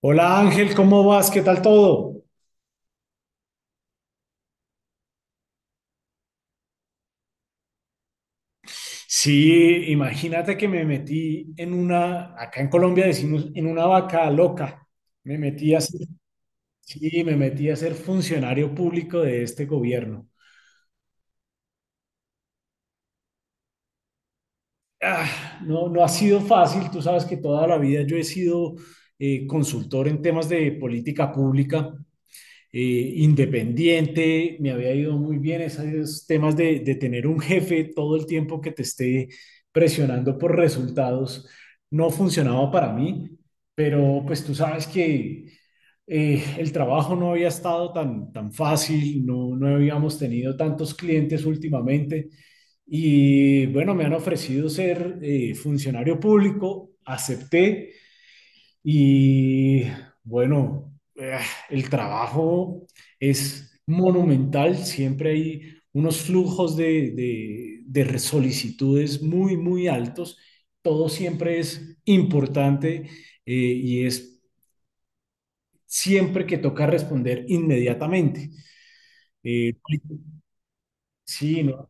Hola Ángel, ¿cómo vas? ¿Qué tal todo? Sí, imagínate que me metí en una, acá en Colombia decimos, en una vaca loca. Me metí a ser, sí, me metí a ser funcionario público de este gobierno. Ah, no, no ha sido fácil, tú sabes que toda la vida yo he sido consultor en temas de política pública independiente, me había ido muy bien esos temas de tener un jefe todo el tiempo que te esté presionando por resultados, no funcionaba para mí, pero pues tú sabes que el trabajo no había estado tan fácil, no, no habíamos tenido tantos clientes últimamente y bueno, me han ofrecido ser funcionario público, acepté y bueno, el trabajo es monumental, siempre hay unos flujos de solicitudes muy altos, todo siempre es importante y es siempre que toca responder inmediatamente. Eh, sí, no,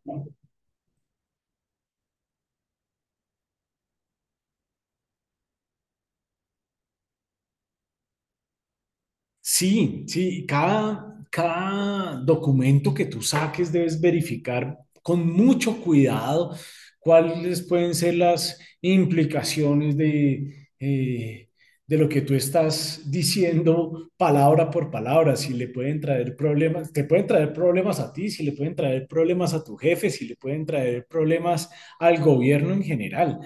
sí, sí, cada documento que tú saques debes verificar con mucho cuidado cuáles pueden ser las implicaciones de lo que tú estás diciendo palabra por palabra, si le pueden traer problemas, te pueden traer problemas a ti, si le pueden traer problemas a tu jefe, si le pueden traer problemas al gobierno en general.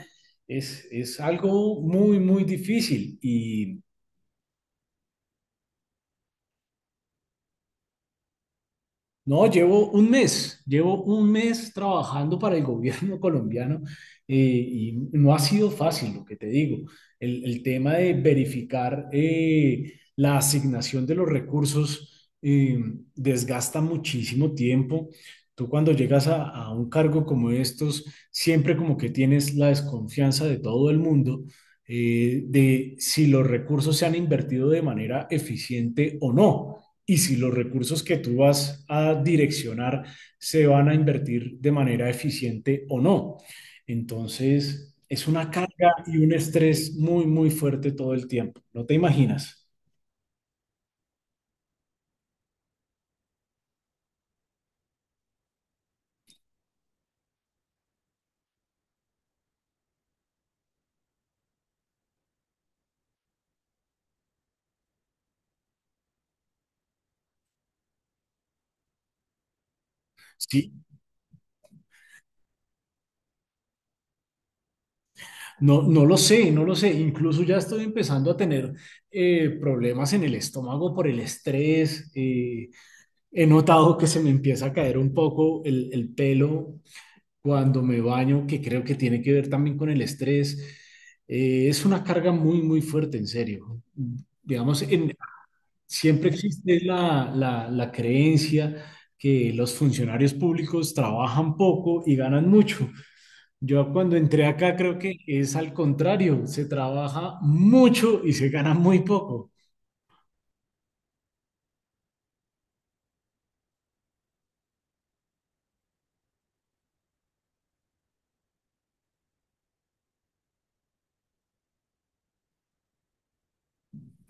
Es algo muy difícil y no, llevo un mes trabajando para el gobierno colombiano y no ha sido fácil, lo que te digo. El tema de verificar la asignación de los recursos desgasta muchísimo tiempo. Tú cuando llegas a un cargo como estos, siempre como que tienes la desconfianza de todo el mundo, de si los recursos se han invertido de manera eficiente o no y si los recursos que tú vas a direccionar se van a invertir de manera eficiente o no. Entonces, es una carga y un estrés muy fuerte todo el tiempo. No te imaginas. Sí, no, no lo sé, no lo sé. Incluso ya estoy empezando a tener problemas en el estómago por el estrés. He notado que se me empieza a caer un poco el pelo cuando me baño, que creo que tiene que ver también con el estrés. Es una carga muy fuerte, en serio. Digamos, siempre existe la creencia que los funcionarios públicos trabajan poco y ganan mucho. Yo cuando entré acá creo que es al contrario, se trabaja mucho y se gana muy poco.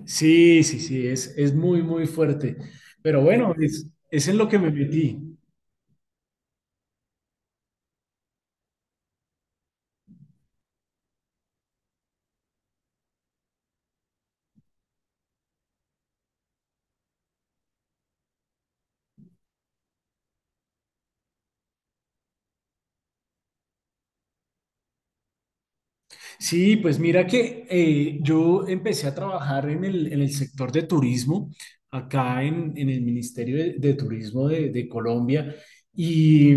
Sí, sí, sí, es muy fuerte. Pero bueno, es en lo que me metí. Sí, pues mira que yo empecé a trabajar en el sector de turismo, acá en el Ministerio de Turismo de Colombia, y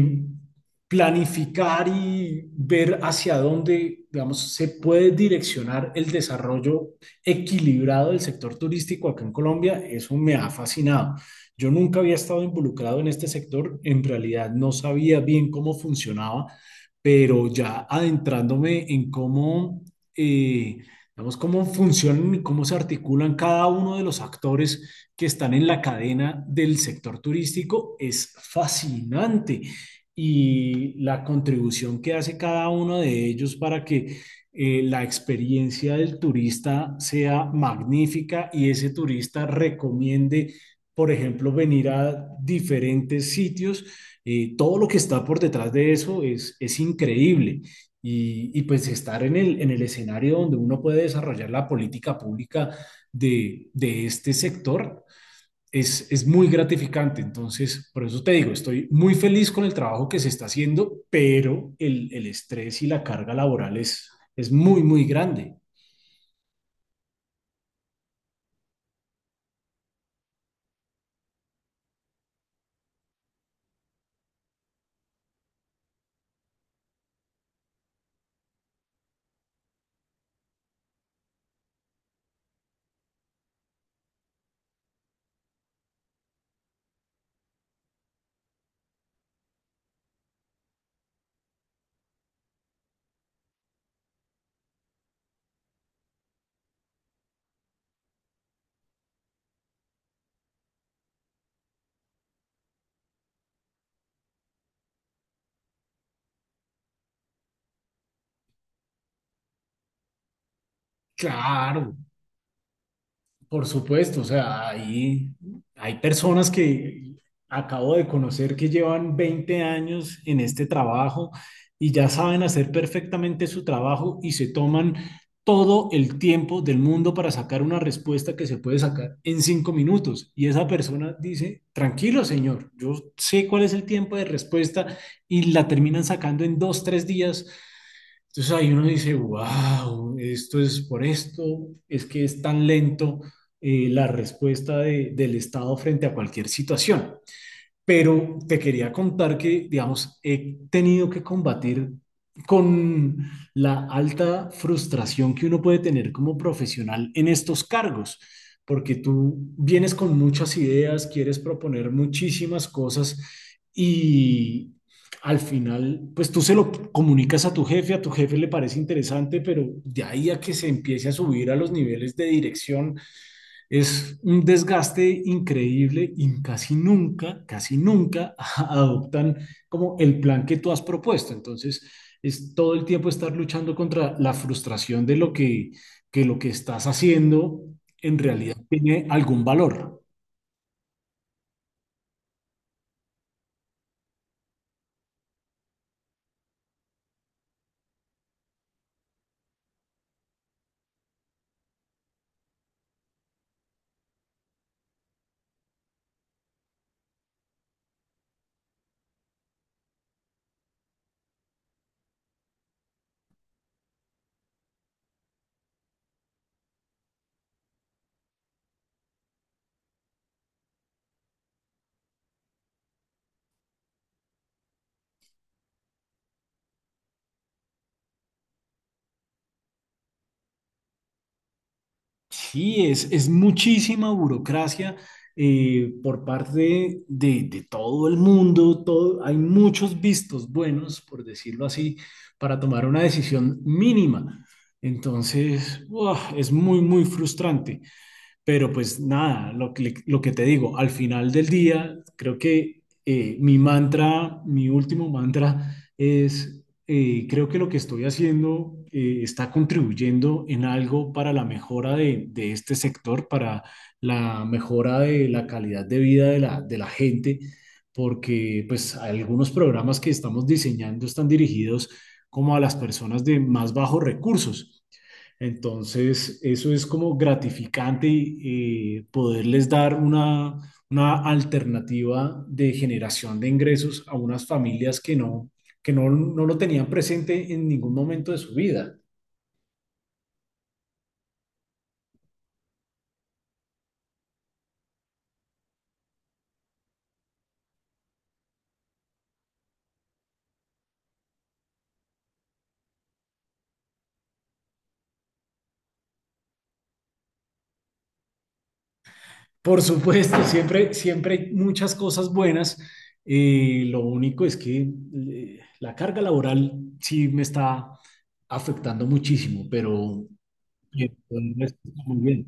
planificar y ver hacia dónde, digamos, se puede direccionar el desarrollo equilibrado del sector turístico acá en Colombia, eso me ha fascinado. Yo nunca había estado involucrado en este sector, en realidad no sabía bien cómo funcionaba, pero ya adentrándome en cómo, eh, digamos, cómo funcionan y cómo se articulan cada uno de los actores que están en la cadena del sector turístico, es fascinante. Y la contribución que hace cada uno de ellos para que la experiencia del turista sea magnífica y ese turista recomiende, por ejemplo, venir a diferentes sitios, todo lo que está por detrás de eso es increíble. Y, pues estar en el escenario donde uno puede desarrollar la política pública de este sector es muy gratificante. Entonces, por eso te digo, estoy muy feliz con el trabajo que se está haciendo, pero el estrés y la carga laboral es muy grande. Claro, por supuesto, o sea, hay personas que acabo de conocer que llevan 20 años en este trabajo y ya saben hacer perfectamente su trabajo y se toman todo el tiempo del mundo para sacar una respuesta que se puede sacar en 5 minutos. Y esa persona dice, tranquilo, señor, yo sé cuál es el tiempo de respuesta y la terminan sacando en dos, tres días. Entonces ahí uno dice, wow, esto es por esto, es que es tan lento la respuesta del Estado frente a cualquier situación. Pero te quería contar que, digamos, he tenido que combatir con la alta frustración que uno puede tener como profesional en estos cargos, porque tú vienes con muchas ideas, quieres proponer muchísimas cosas y al final, pues tú se lo comunicas a tu jefe le parece interesante, pero de ahí a que se empiece a subir a los niveles de dirección, es un desgaste increíble y casi nunca adoptan como el plan que tú has propuesto. Entonces, es todo el tiempo estar luchando contra la frustración de lo que lo que estás haciendo en realidad tiene algún valor. Sí, es muchísima burocracia, por parte de todo el mundo, todo, hay muchos vistos buenos, por decirlo así, para tomar una decisión mínima. Entonces, ¡buah! Es muy frustrante. Pero pues nada, lo que te digo, al final del día, creo que mi mantra, mi último mantra es, creo que lo que estoy haciendo está contribuyendo en algo para la mejora de este sector, para la mejora de la calidad de vida de la gente, porque pues algunos programas que estamos diseñando están dirigidos como a las personas de más bajos recursos. Entonces, eso es como gratificante, poderles dar una alternativa de generación de ingresos a unas familias que no, no lo tenían presente en ningún momento de su vida. Por supuesto, siempre, siempre hay muchas cosas buenas. Lo único es que la carga laboral sí me está afectando muchísimo, pero eh, el resto está muy bien.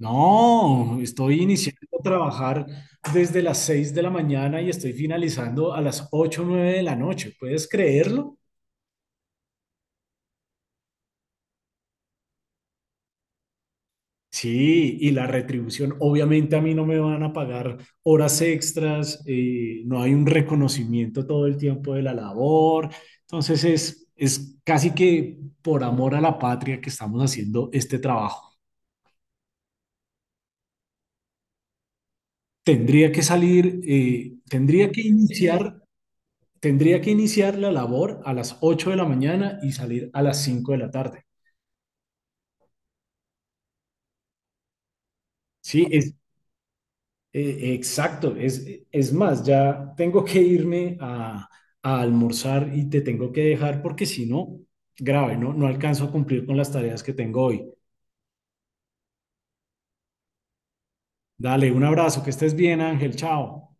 No, estoy iniciando a trabajar desde las 6 de la mañana y estoy finalizando a las ocho o 9 de la noche. ¿Puedes creerlo? Sí, y la retribución, obviamente a mí no me van a pagar horas extras, no hay un reconocimiento todo el tiempo de la labor. Entonces es casi que por amor a la patria que estamos haciendo este trabajo. Tendría que salir, tendría que sí, iniciar, tendría que iniciar la labor a las 8 de la mañana y salir a las 5 de la tarde. Sí, es exacto. Es más, ya tengo que irme a almorzar y te tengo que dejar porque si no, grave, ¿no? No alcanzo a cumplir con las tareas que tengo hoy. Dale, un abrazo, que estés bien, Ángel, chao.